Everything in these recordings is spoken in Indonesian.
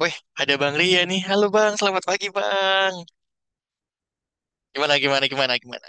Weh, ada Bang Ria nih. Halo Bang, selamat pagi Bang. Gimana, gimana, gimana, gimana?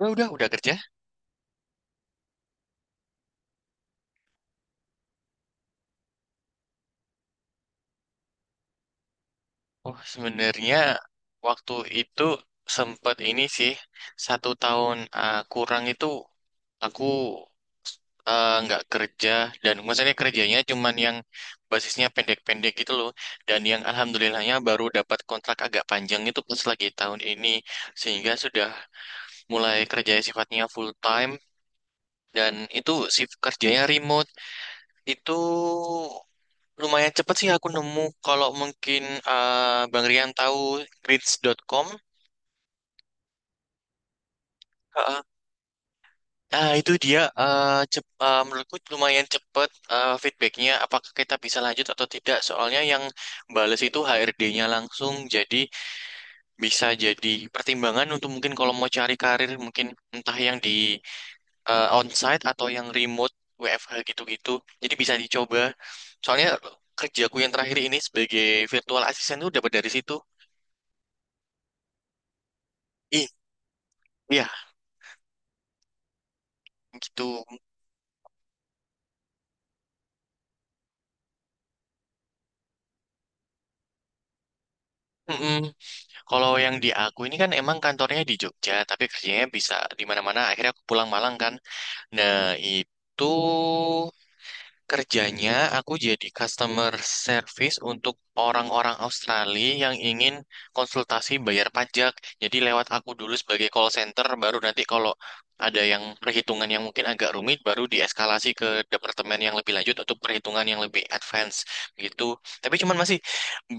Udah kerja? Oh, sebenarnya waktu itu sempat ini sih, 1 tahun kurang itu aku nggak kerja. Dan maksudnya kerjanya cuman yang basisnya pendek-pendek gitu loh. Dan yang alhamdulillahnya baru dapat kontrak agak panjang itu pas lagi tahun ini. Sehingga sudah mulai kerja sifatnya full time. Dan itu shift kerjanya remote. Itu lumayan cepet sih aku nemu kalau mungkin Bang Rian tahu grids.com. Heeh. Nah, itu dia menurutku lumayan cepet, feedbacknya apakah kita bisa lanjut atau tidak. Soalnya yang bales itu HRD-nya langsung, jadi bisa jadi pertimbangan untuk mungkin kalau mau cari karir mungkin entah yang di onsite atau yang remote, WFH gitu-gitu. Jadi bisa dicoba. Soalnya kerjaku yang terakhir ini sebagai virtual assistant itu dapat dari situ. Ih, iya, gitu. Mm-mm. Kalau yang di aku ini kan emang kantornya di Jogja, tapi kerjanya bisa di mana-mana. Akhirnya aku pulang Malang kan. Nah, itu kerjanya aku jadi customer service untuk orang-orang Australia yang ingin konsultasi bayar pajak. Jadi lewat aku dulu sebagai call center, baru nanti kalau ada yang perhitungan yang mungkin agak rumit, baru dieskalasi ke departemen yang lebih lanjut untuk perhitungan yang lebih advance gitu. Tapi cuman masih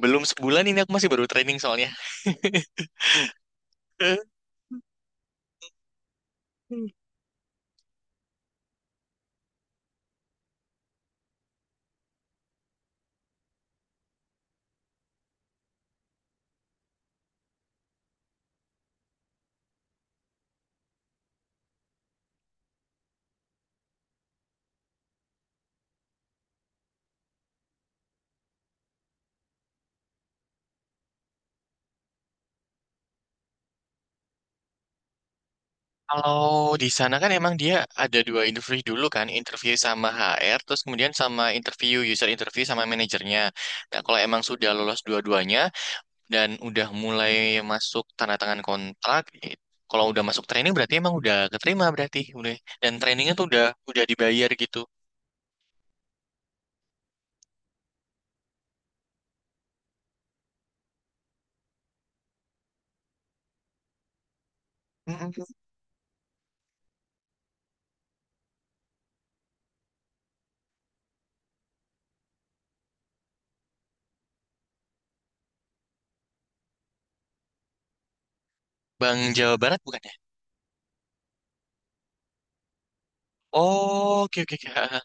belum sebulan ini aku masih baru training soalnya. Kalau di sana kan emang dia ada 2 interview dulu kan, interview sama HR, terus kemudian sama interview user, interview sama manajernya. Nah, kalau emang sudah lolos dua-duanya dan udah mulai masuk tanda tangan kontrak, kalau udah masuk training berarti emang udah keterima berarti, udah. Dan trainingnya tuh udah dibayar gitu. Mm-mm. Bang Jawa Barat bukan ya? Oh, oke oke oke. Ah, ah.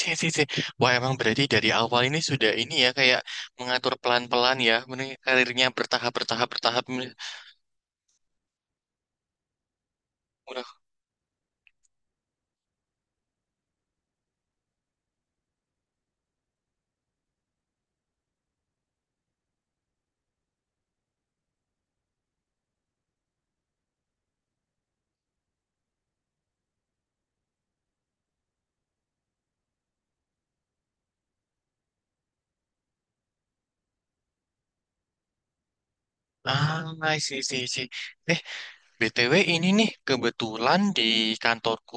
Sih, sih, sih. Wah, emang berarti dari awal ini sudah ini ya, kayak mengatur pelan-pelan ya, ini karirnya bertahap, bertahap, bertahap. Udah. Ah, sih, sih, sih. Eh, BTW ini nih, kebetulan di kantorku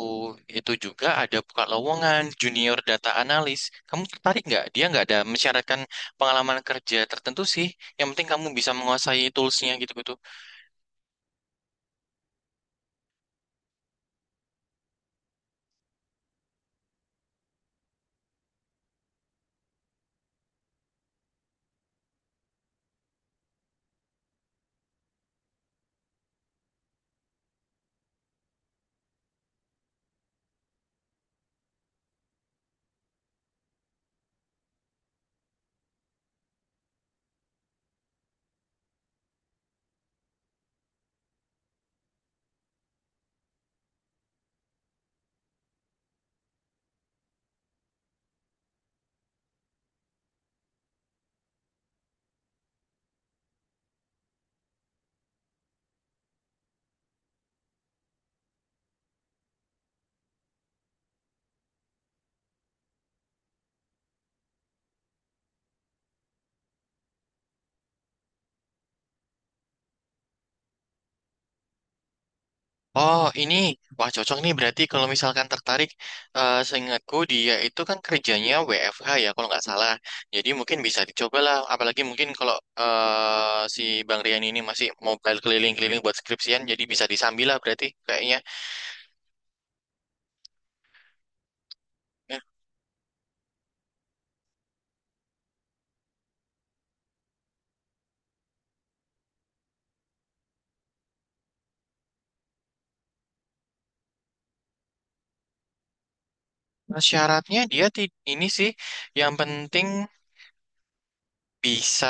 itu juga ada buka lowongan junior data analis. Kamu tertarik nggak? Dia nggak ada mensyaratkan pengalaman kerja tertentu sih. Yang penting kamu bisa menguasai toolsnya gitu-gitu. Oh, ini wah cocok nih berarti kalau misalkan tertarik, seingatku dia itu kan kerjanya WFH ya kalau nggak salah. Jadi mungkin bisa dicobalah, apalagi mungkin kalau si Bang Rian ini masih mobile keliling-keliling buat skripsian, jadi bisa disambil lah berarti kayaknya. Nah, syaratnya dia ti- ini sih, yang penting bisa,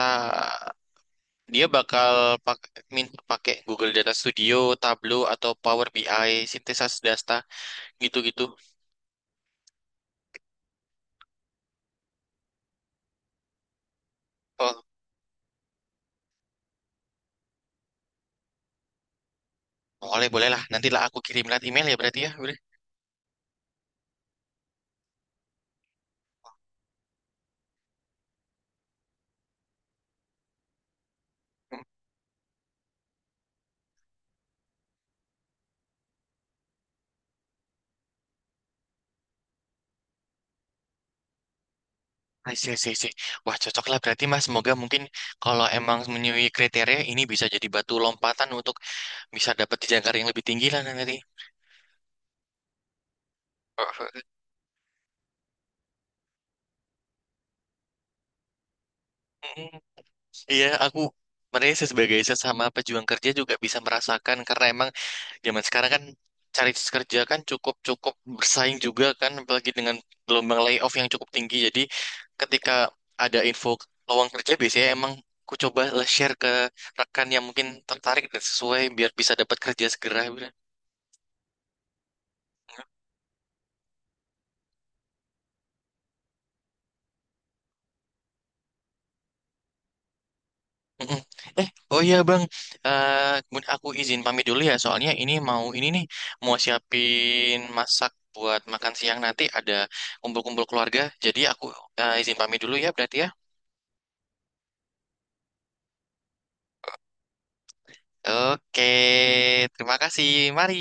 dia bakal pak minta pakai Google Data Studio, Tableau atau Power BI, sintesis data gitu-gitu. Oh, boleh, boleh lah. Nantilah aku kirim lewat email ya berarti ya. Boleh. I see, wah, cocok lah berarti Mas. Semoga mungkin kalau emang memenuhi kriteria ini bisa jadi batu lompatan untuk bisa dapat jangkar yang lebih tinggi lah nanti. Iya, aku merasa sebagai sesama pejuang kerja juga bisa merasakan karena emang zaman sekarang kan cari kerja kan cukup cukup bersaing juga kan, apalagi dengan gelombang layoff yang cukup tinggi, jadi ketika ada info lowongan kerja biasanya emang ku coba lah share ke rekan yang mungkin tertarik dan sesuai biar bisa dapat kerja segera Bro. Mm-mm. Oh iya Bang, kemudian aku izin pamit dulu ya, soalnya ini mau ini nih mau siapin masak buat makan siang nanti ada kumpul-kumpul keluarga, jadi aku izin pamit dulu ya berarti ya. Oke, terima kasih. Mari.